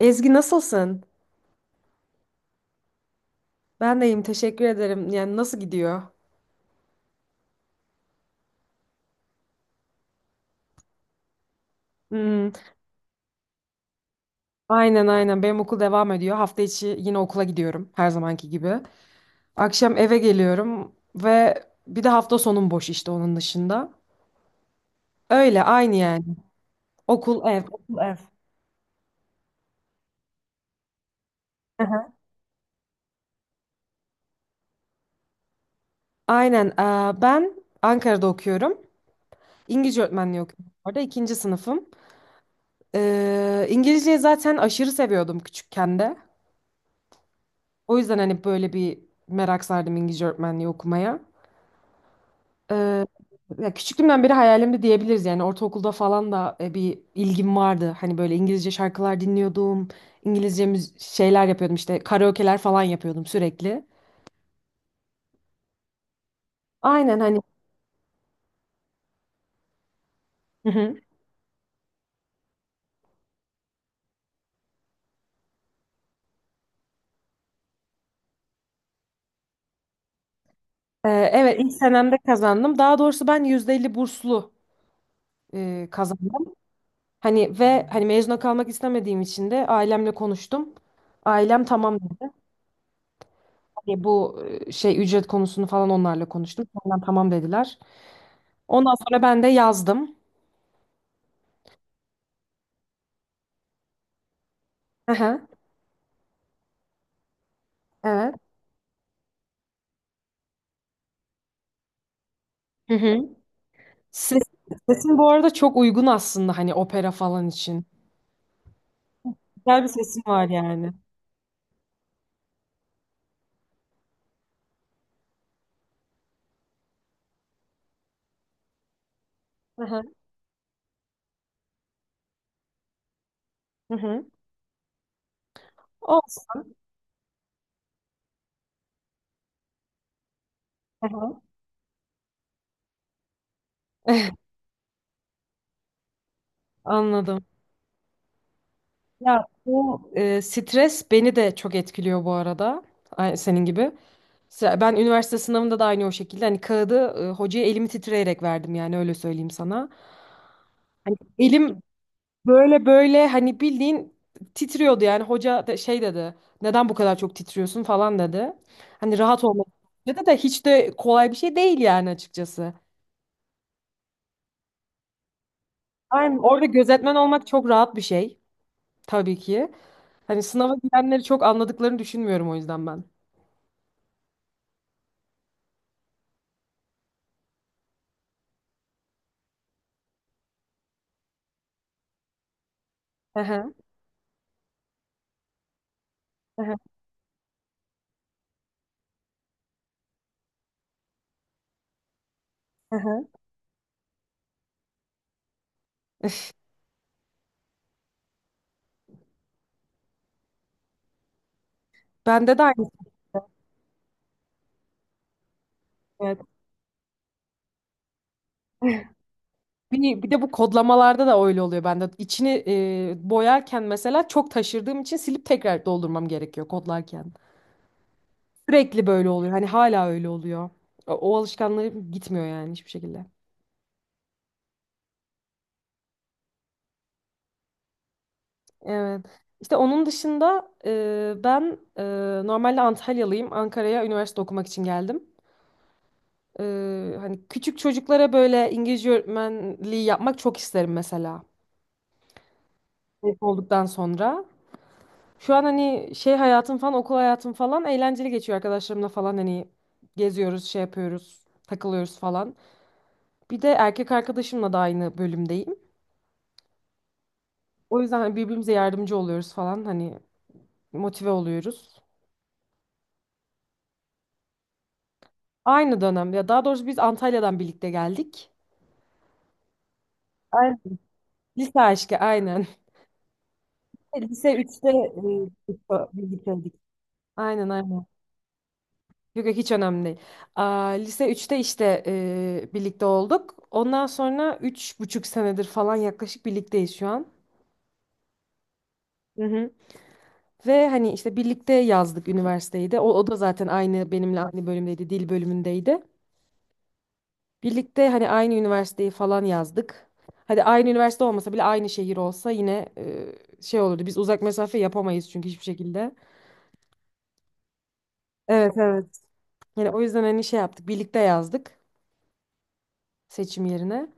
Ezgi nasılsın? Ben de iyiyim, teşekkür ederim. Yani nasıl gidiyor? Hmm, aynen aynen benim okul devam ediyor. Hafta içi yine okula gidiyorum her zamanki gibi. Akşam eve geliyorum ve bir de hafta sonum boş işte onun dışında. Öyle aynı yani. Okul ev, okul ev. Aynen. Ben Ankara'da okuyorum. İngilizce öğretmenliği okuyorum orada. İkinci sınıfım. İngilizceyi zaten aşırı seviyordum küçükken de. O yüzden hani böyle bir merak sardım İngilizce öğretmenliği okumaya. Ee, ya küçüklüğümden beri hayalimdi diyebiliriz yani ortaokulda falan da bir ilgim vardı. Hani böyle İngilizce şarkılar dinliyordum. İngilizce şeyler yapıyordum işte karaoke'ler falan yapıyordum sürekli. Aynen hani. Hı hı. Evet ilk senemde kazandım. Daha doğrusu ben %50 burslu kazandım. Hani ve hani mezuna kalmak istemediğim için de ailemle konuştum. Ailem tamam dedi. Hani bu şey ücret konusunu falan onlarla konuştum. Ondan tamam dediler. Ondan sonra ben de yazdım. Hı hı. Evet. Hı hı. Ses, sesin bu arada çok uygun aslında hani opera falan için. Güzel bir sesin var yani. Hı hı. Hı hı. Olsun. Hı hı. Anladım. Ya bu stres beni de çok etkiliyor bu arada. Senin gibi. Ben üniversite sınavında da aynı o şekilde. Hani kağıdı hocaya elimi titreyerek verdim yani öyle söyleyeyim sana. Hani elim Böyle böyle hani bildiğin titriyordu yani hoca da şey dedi, neden bu kadar çok titriyorsun falan dedi. Hani rahat olmak dedi de hiç de kolay bir şey değil yani açıkçası. Aynen orada gözetmen olmak çok rahat bir şey tabii ki. Hani sınava girenleri çok anladıklarını düşünmüyorum o yüzden ben. Hı hı, hı hı, hı hı. Bende de aynı. Evet. Bir de bu kodlamalarda da öyle oluyor bende. İçini boyarken mesela çok taşırdığım için silip tekrar doldurmam gerekiyor kodlarken. Sürekli böyle oluyor. Hani hala öyle oluyor. O alışkanlığı gitmiyor yani hiçbir şekilde. Evet. İşte onun dışında ben normalde Antalyalıyım. Ankara'ya üniversite okumak için geldim. E, hani küçük çocuklara böyle İngilizce öğretmenliği yapmak çok isterim mesela. Mezun olduktan sonra. Şu an hani şey hayatım falan, okul hayatım falan eğlenceli geçiyor arkadaşlarımla falan hani geziyoruz, şey yapıyoruz, takılıyoruz falan. Bir de erkek arkadaşımla da aynı bölümdeyim. O yüzden hani birbirimize yardımcı oluyoruz falan hani motive oluyoruz. Aynı dönem ya daha doğrusu biz Antalya'dan birlikte geldik. Aynen. Lise aşkı aynen. Lise 3'te birlikteydik. Aynen aynen. Yok yok hiç önemli değil. Aa, lise 3'te işte birlikte olduk. Ondan sonra üç buçuk senedir falan yaklaşık birlikteyiz şu an. Hı hı. Ve hani işte birlikte yazdık üniversiteyi de. O da zaten aynı benimle aynı bölümdeydi, dil bölümündeydi. Birlikte hani aynı üniversiteyi falan yazdık. Hadi aynı üniversite olmasa bile aynı şehir olsa yine şey olurdu. Biz uzak mesafe yapamayız çünkü hiçbir şekilde. Evet evet. Yani o yüzden hani şey yaptık. Birlikte yazdık seçim yerine.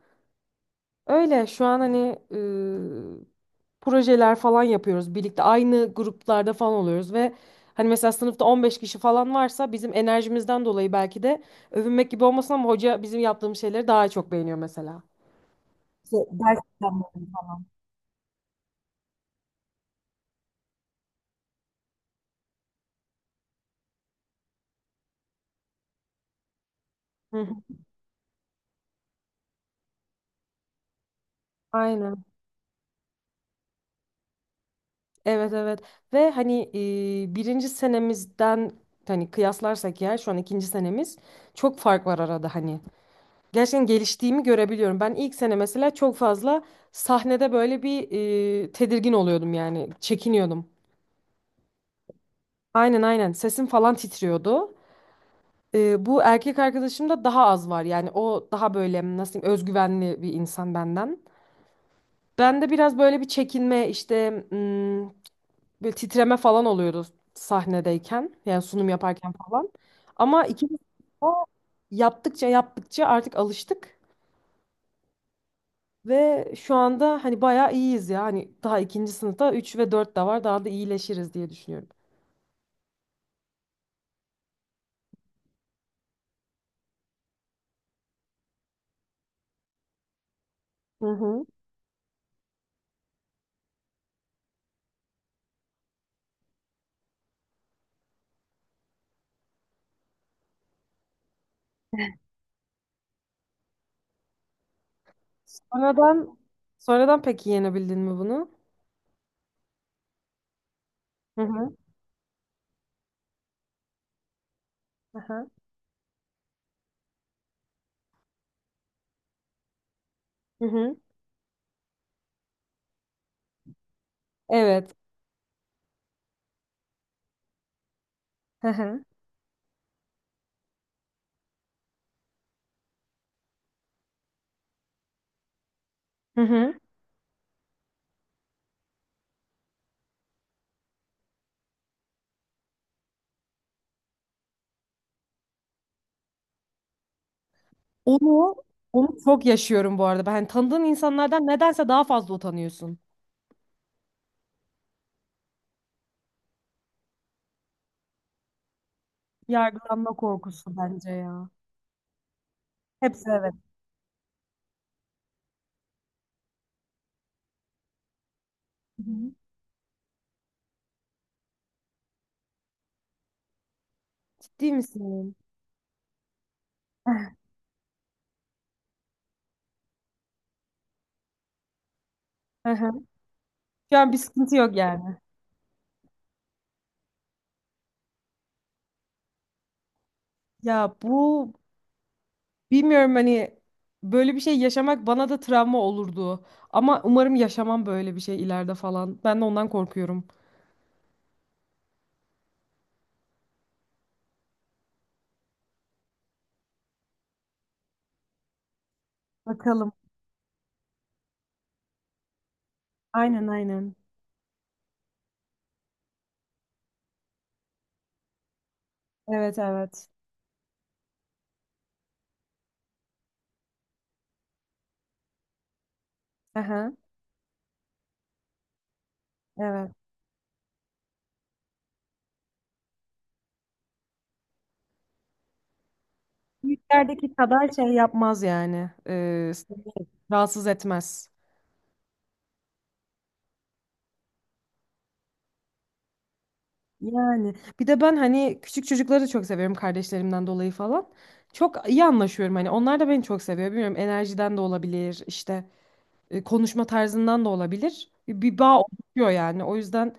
Öyle şu an hani projeler falan yapıyoruz. Birlikte aynı gruplarda falan oluyoruz ve hani mesela sınıfta 15 kişi falan varsa bizim enerjimizden dolayı belki de övünmek gibi olmasın ama hoca bizim yaptığımız şeyleri daha çok beğeniyor mesela. Hı hı. Aynen. Evet evet ve hani birinci senemizden hani kıyaslarsak ya şu an ikinci senemiz çok fark var arada hani. Gerçekten geliştiğimi görebiliyorum. Ben ilk sene mesela çok fazla sahnede böyle bir tedirgin oluyordum yani çekiniyordum. Aynen aynen sesim falan titriyordu. Bu erkek arkadaşımda daha az var yani o daha böyle nasıl diyeyim özgüvenli bir insan benden. Ben de biraz böyle bir çekinme işte, böyle titreme falan oluyordu sahnedeyken. Yani sunum yaparken falan. Ama ikimiz de yaptıkça yaptıkça artık alıştık. Ve şu anda hani bayağı iyiyiz ya. Hani daha ikinci sınıfta 3 ve 4 de var. Daha da iyileşiriz diye düşünüyorum. Hı hı. Sonradan sonradan peki yenebildin mi bunu? Hı hı. Aha. Hı hı. Evet. Hı hı. Hı hı. Onu onu çok yaşıyorum bu arada. Ben hani tanıdığın insanlardan nedense daha fazla utanıyorsun. Yargılanma korkusu bence ya. Hepsi evet. Hı hı. Ciddi misin? Hı hı. Şu an bir sıkıntı yok yani. Ya bu bilmiyorum hani böyle bir şey yaşamak bana da travma olurdu. Ama umarım yaşamam böyle bir şey ileride falan. Ben de ondan korkuyorum. Bakalım. Aynen aynen. Evet evet. Aha. Evet. Büyüklerdeki kadar şey yapmaz yani. Seni rahatsız etmez. Yani bir de ben hani küçük çocukları da çok seviyorum kardeşlerimden dolayı falan. Çok iyi anlaşıyorum hani onlar da beni çok seviyor. Bilmiyorum enerjiden de olabilir işte konuşma tarzından da olabilir. Bir bağ oluşuyor yani o yüzden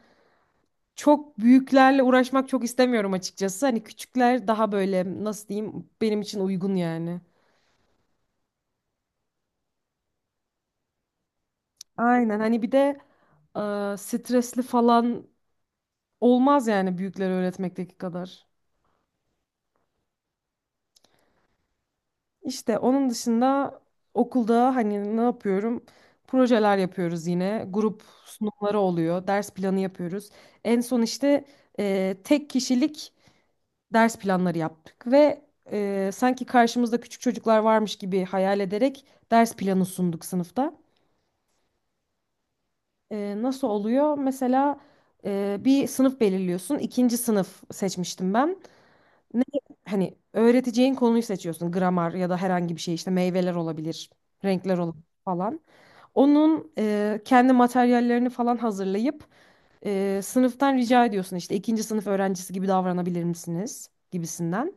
çok büyüklerle uğraşmak çok istemiyorum açıkçası. Hani küçükler daha böyle nasıl diyeyim benim için uygun yani. Aynen hani bir de stresli falan olmaz yani büyükleri öğretmekteki kadar. İşte onun dışında okulda hani ne yapıyorum? Projeler yapıyoruz yine. Grup sunumları oluyor. Ders planı yapıyoruz. En son işte tek kişilik ders planları yaptık ve sanki karşımızda küçük çocuklar varmış gibi hayal ederek ders planı sunduk sınıfta. Nasıl oluyor? Mesela bir sınıf belirliyorsun. İkinci sınıf seçmiştim ben. Ne, hani öğreteceğin konuyu seçiyorsun. Gramer ya da herhangi bir şey işte meyveler olabilir, renkler olabilir falan. Onun kendi materyallerini falan hazırlayıp sınıftan rica ediyorsun işte ikinci sınıf öğrencisi gibi davranabilir misiniz gibisinden.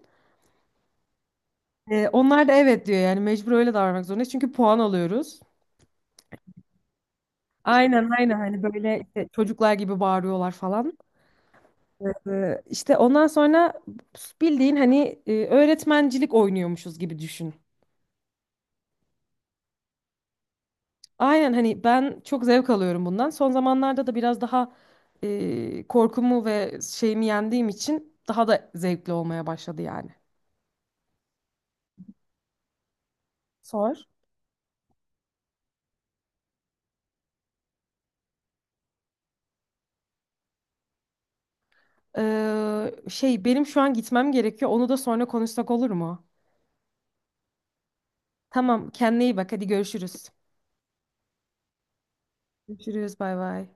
Onlar da evet diyor yani mecbur öyle davranmak zorundayız çünkü puan alıyoruz. Aynen aynen hani böyle işte çocuklar gibi bağırıyorlar falan. E, işte ondan sonra bildiğin hani öğretmencilik oynuyormuşuz gibi düşün. Aynen hani ben çok zevk alıyorum bundan. Son zamanlarda da biraz daha korkumu ve şeyimi yendiğim için daha da zevkli olmaya başladı yani. Sor. Şey benim şu an gitmem gerekiyor. Onu da sonra konuşsak olur mu? Tamam, kendine iyi bak. Hadi görüşürüz. Görüşürüz. Bay bay.